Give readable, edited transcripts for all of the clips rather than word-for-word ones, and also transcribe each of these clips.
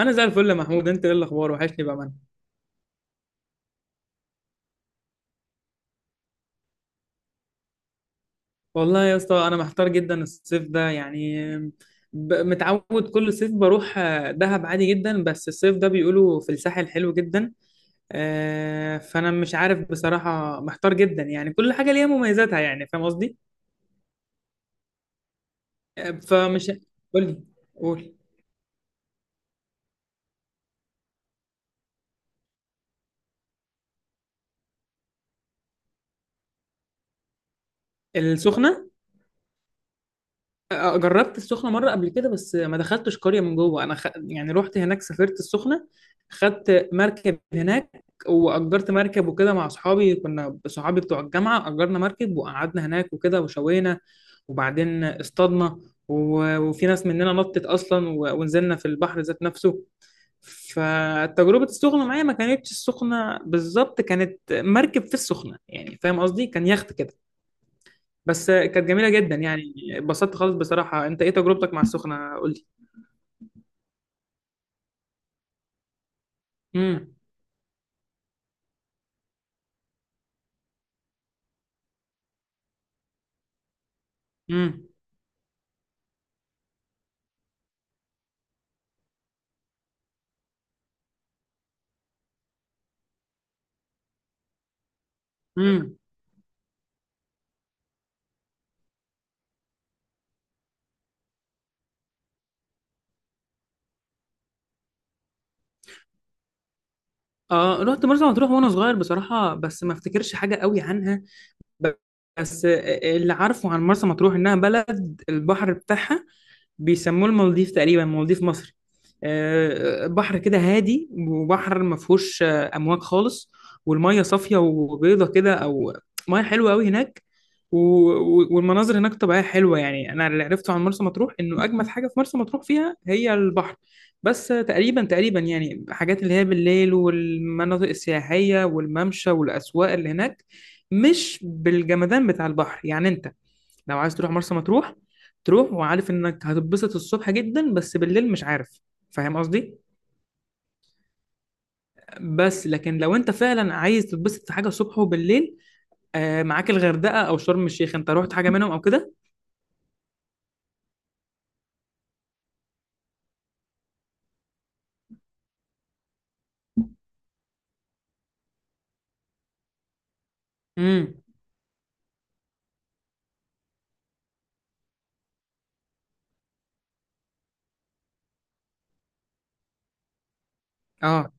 انا زي الفل يا محمود، انت ايه الاخبار؟ وحشني بامانه. والله يا اسطى انا محتار جدا الصيف ده، يعني متعود كل صيف بروح، دهب عادي جدا، بس الصيف ده بيقولوا في الساحل حلو جدا. فانا مش عارف بصراحه، محتار جدا، يعني كل حاجه ليها مميزاتها، يعني فاهم قصدي. آه، فمش قول لي، قول. السخنه؟ جربت السخنة مرة قبل كده، بس ما دخلتش قرية من جوه. أنا يعني رحت هناك، سافرت السخنة، خدت مركب هناك وأجرت مركب وكده مع أصحابي، كنا صحابي بتوع الجامعة، أجرنا مركب وقعدنا هناك وكده وشوينا، وبعدين اصطادنا وفي ناس مننا نطت أصلا ونزلنا في البحر ذات نفسه. فتجربة السخنة معايا ما كانتش السخنة بالظبط، كانت مركب في السخنة، يعني فاهم قصدي، كان يخت كده، بس كانت جميله جدا، يعني اتبسطت خالص بصراحه. انت ايه تجربتك مع السخنه؟ قول لي. امم. امم. امم. اه، رحت مرسى مطروح وانا صغير بصراحه، بس ما افتكرش حاجه قوي عنها. ب- بس اللي عارفه عن مرسى مطروح انها بلد البحر بتاعها بيسموه المالديف تقريبا، مالديف مصر. بحر كده هادي، وبحر ما فيهوش امواج خالص، والميه صافيه وبيضه كده، او ميه حلوه قوي هناك، والمناظر هناك طبيعيه حلوه. يعني انا اللي عرفته عن مرسى مطروح انه اجمد حاجه في مرسى مطروح فيها هي البحر، بس تقريبا تقريبا يعني حاجات اللي هي بالليل والمناطق السياحيه والممشى والاسواق اللي هناك مش بالجمدان بتاع البحر. يعني انت لو عايز تروح مرسى مطروح، تروح وعارف انك هتتبسط الصبح جدا، بس بالليل مش عارف، فاهم قصدي. بس لكن لو انت فعلا عايز تتبسط في حاجه الصبح وبالليل، آه معاك الغردقه او شرم الشيخ. انت رحت حاجه منهم او كده؟ امم. اه.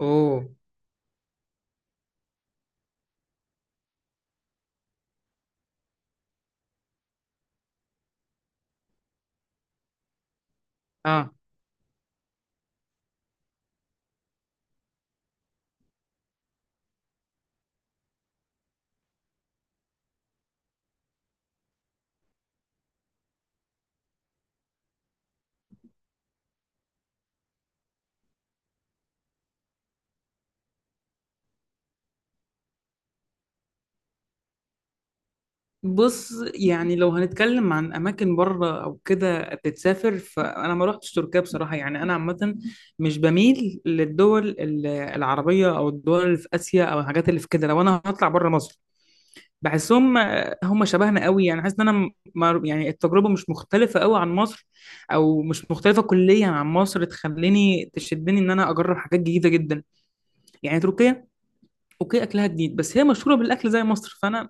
اوه. اه. بص، يعني لو هنتكلم عن اماكن بره او كده تتسافر، فانا ما رحتش تركيا بصراحه. يعني انا عامه مش بميل للدول العربيه او الدول اللي في اسيا او الحاجات اللي في كده. لو انا هطلع بره مصر بحسهم هم شبهنا قوي، يعني حاسس ان انا يعني التجربه مش مختلفه قوي عن مصر، او مش مختلفه كليا عن مصر تخليني تشدني ان انا اجرب حاجات جديده جدا. يعني تركيا اوكي اكلها جديد، بس هي مشهوره بالاكل زي مصر، فانا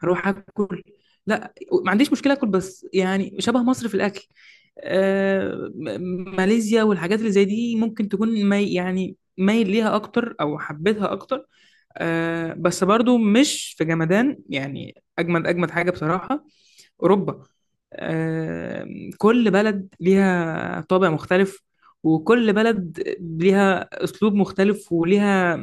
هروح اكل، لا، ما عنديش مشكله اكل، بس يعني شبه مصر في الاكل. آه ماليزيا والحاجات اللي زي دي ممكن تكون مي، يعني مايل ليها اكتر او حبيتها اكتر. آه بس برضو مش في جمدان، يعني اجمد اجمد حاجه بصراحه اوروبا. آه، كل بلد ليها طابع مختلف، وكل بلد ليها اسلوب مختلف وليها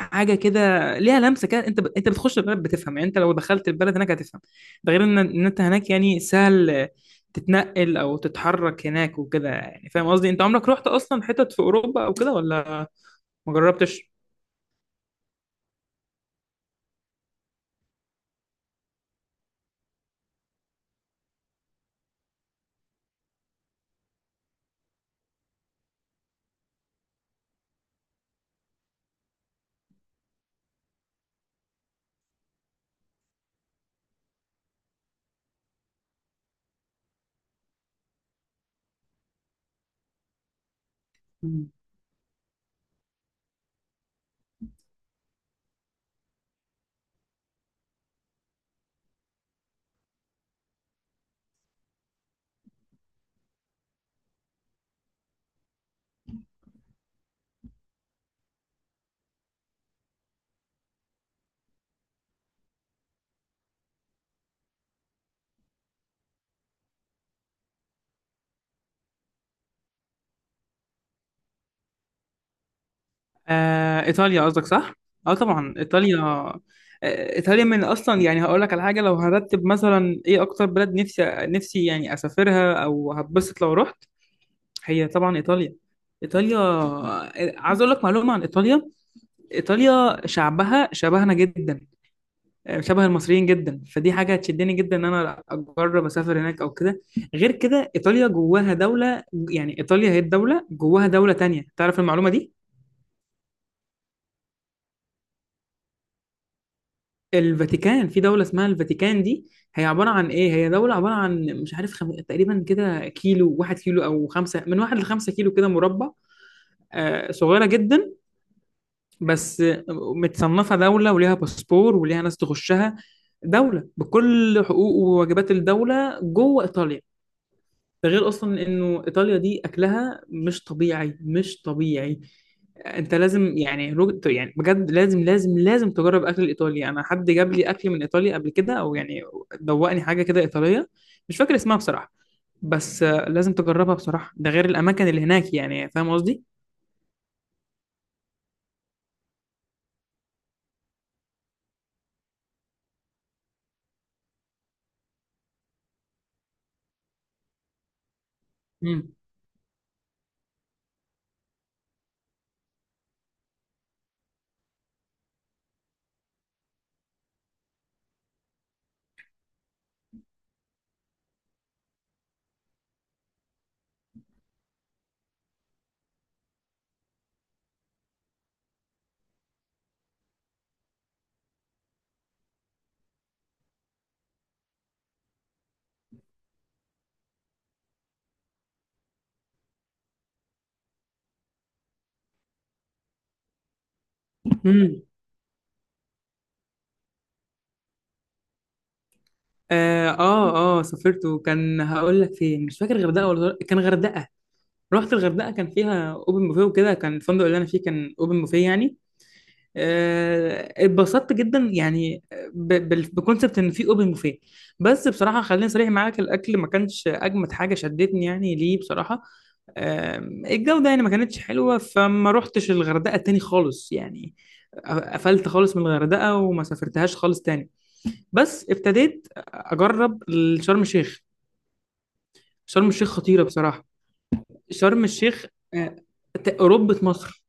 حاجه كده، ليها لمسه كده. انت بتخش البلد بتفهم، يعني انت لو دخلت البلد هناك هتفهم. ده غير ان انت هناك يعني سهل تتنقل او تتحرك هناك وكده، يعني فاهم قصدي. انت عمرك رحت اصلا حتت في اوروبا او كده، ولا ما جربتش؟ ايطاليا قصدك صح؟ اه طبعا ايطاليا، ايطاليا من اصلا، يعني هقول لك على حاجه، لو هرتب مثلا ايه اكتر بلد نفسي نفسي يعني اسافرها او هتبسط لو رحت، هي طبعا ايطاليا. ايطاليا، عايز اقول لك معلومه عن ايطاليا. ايطاليا شعبها شبهنا جدا، شبه المصريين جدا، فدي حاجه هتشدني جدا ان انا اجرب اسافر هناك او كده. غير كده ايطاليا جواها دوله، يعني ايطاليا هي الدوله جواها دوله تانية، تعرف المعلومه دي؟ الفاتيكان، في دولة اسمها الفاتيكان. دي هي عبارة عن ايه؟ هي دولة عبارة عن، مش عارف، تقريبا كده كيلو، 1 كيلو او 5، من واحد لـ5 كيلو كده مربع. صغيرة جدا، بس متصنفة دولة وليها باسبور وليها ناس تخشها، دولة بكل حقوق وواجبات الدولة جوه ايطاليا. ده غير اصلا انه ايطاليا دي اكلها مش طبيعي، مش طبيعي. انت لازم، يعني يعني بجد لازم لازم لازم تجرب اكل الايطالي. انا حد جاب لي اكل من ايطاليا قبل كده، او يعني دوقني حاجه كده ايطاليه، مش فاكر اسمها بصراحه، بس آه، لازم تجربها بصراحه. ده غير الاماكن اللي هناك، يعني فاهم قصدي. مم. مم. اه، اه، سافرت، وكان هقول لك فين، مش فاكر غردقه ولا كان غردقه. رحت الغردقه، كان فيها اوبن بوفيه وكده، كان الفندق اللي انا فيه كان اوبن بوفيه، يعني اتبسطت جدا، يعني بكونسبت ان في اوبن بوفيه. بس بصراحه خليني صريح معاك، الاكل ما كانش اجمد حاجه شدتني، يعني ليه بصراحه؟ الجوده يعني ما كانتش حلوه، فما روحتش الغردقه تاني خالص، يعني قفلت خالص من الغردقه وما سافرتهاش خالص تاني. بس ابتديت اجرب شرم الشيخ. شرم الشيخ خطيره بصراحه. شرم الشيخ آه، اوروبه مصر.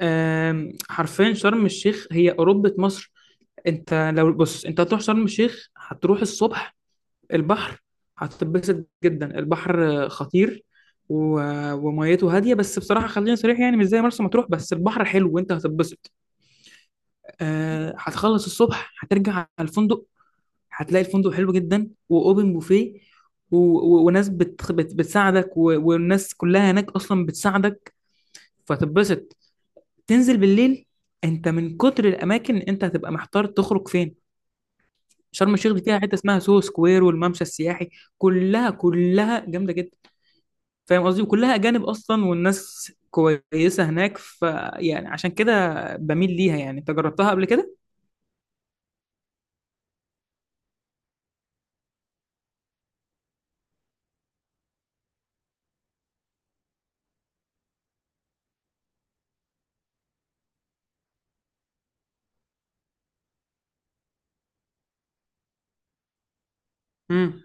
حرفيا شرم الشيخ هي اوروبه مصر. انت لو بص، انت هتروح شرم الشيخ هتروح الصبح البحر هتتبسط جدا، البحر خطير و... وميته هاديه، بس بصراحه خلينا صريح يعني مش زي مرسى مطروح، بس البحر حلو وانت هتتبسط. آه، هتخلص الصبح هترجع على الفندق، هتلاقي الفندق حلو جدا واوبن بوفيه وناس بتساعدك، والناس كلها هناك اصلا بتساعدك فتتبسط. تنزل بالليل، انت من كتر الاماكن انت هتبقى محتار تخرج فين. شرم الشيخ دي فيها حته اسمها سوهو سكوير والممشى السياحي، كلها كلها جامده جدا، فاهم قصدي، وكلها اجانب اصلا، والناس كويسه هناك، فيعني عشان كده بميل ليها. يعني انت جربتها قبل كده؟ امم.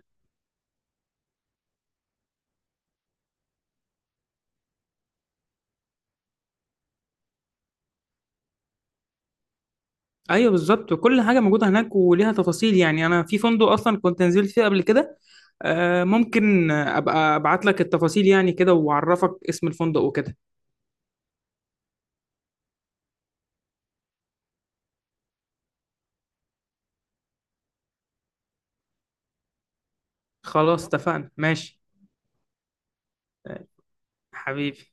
ايوه بالظبط، وكل حاجه موجوده هناك وليها تفاصيل. يعني انا في فندق اصلا كنت نزلت فيه قبل كده، آه، ممكن ابقى ابعت لك التفاصيل يعني كده، واعرفك اسم الفندق وكده. خلاص اتفقنا، ماشي. حبيبي.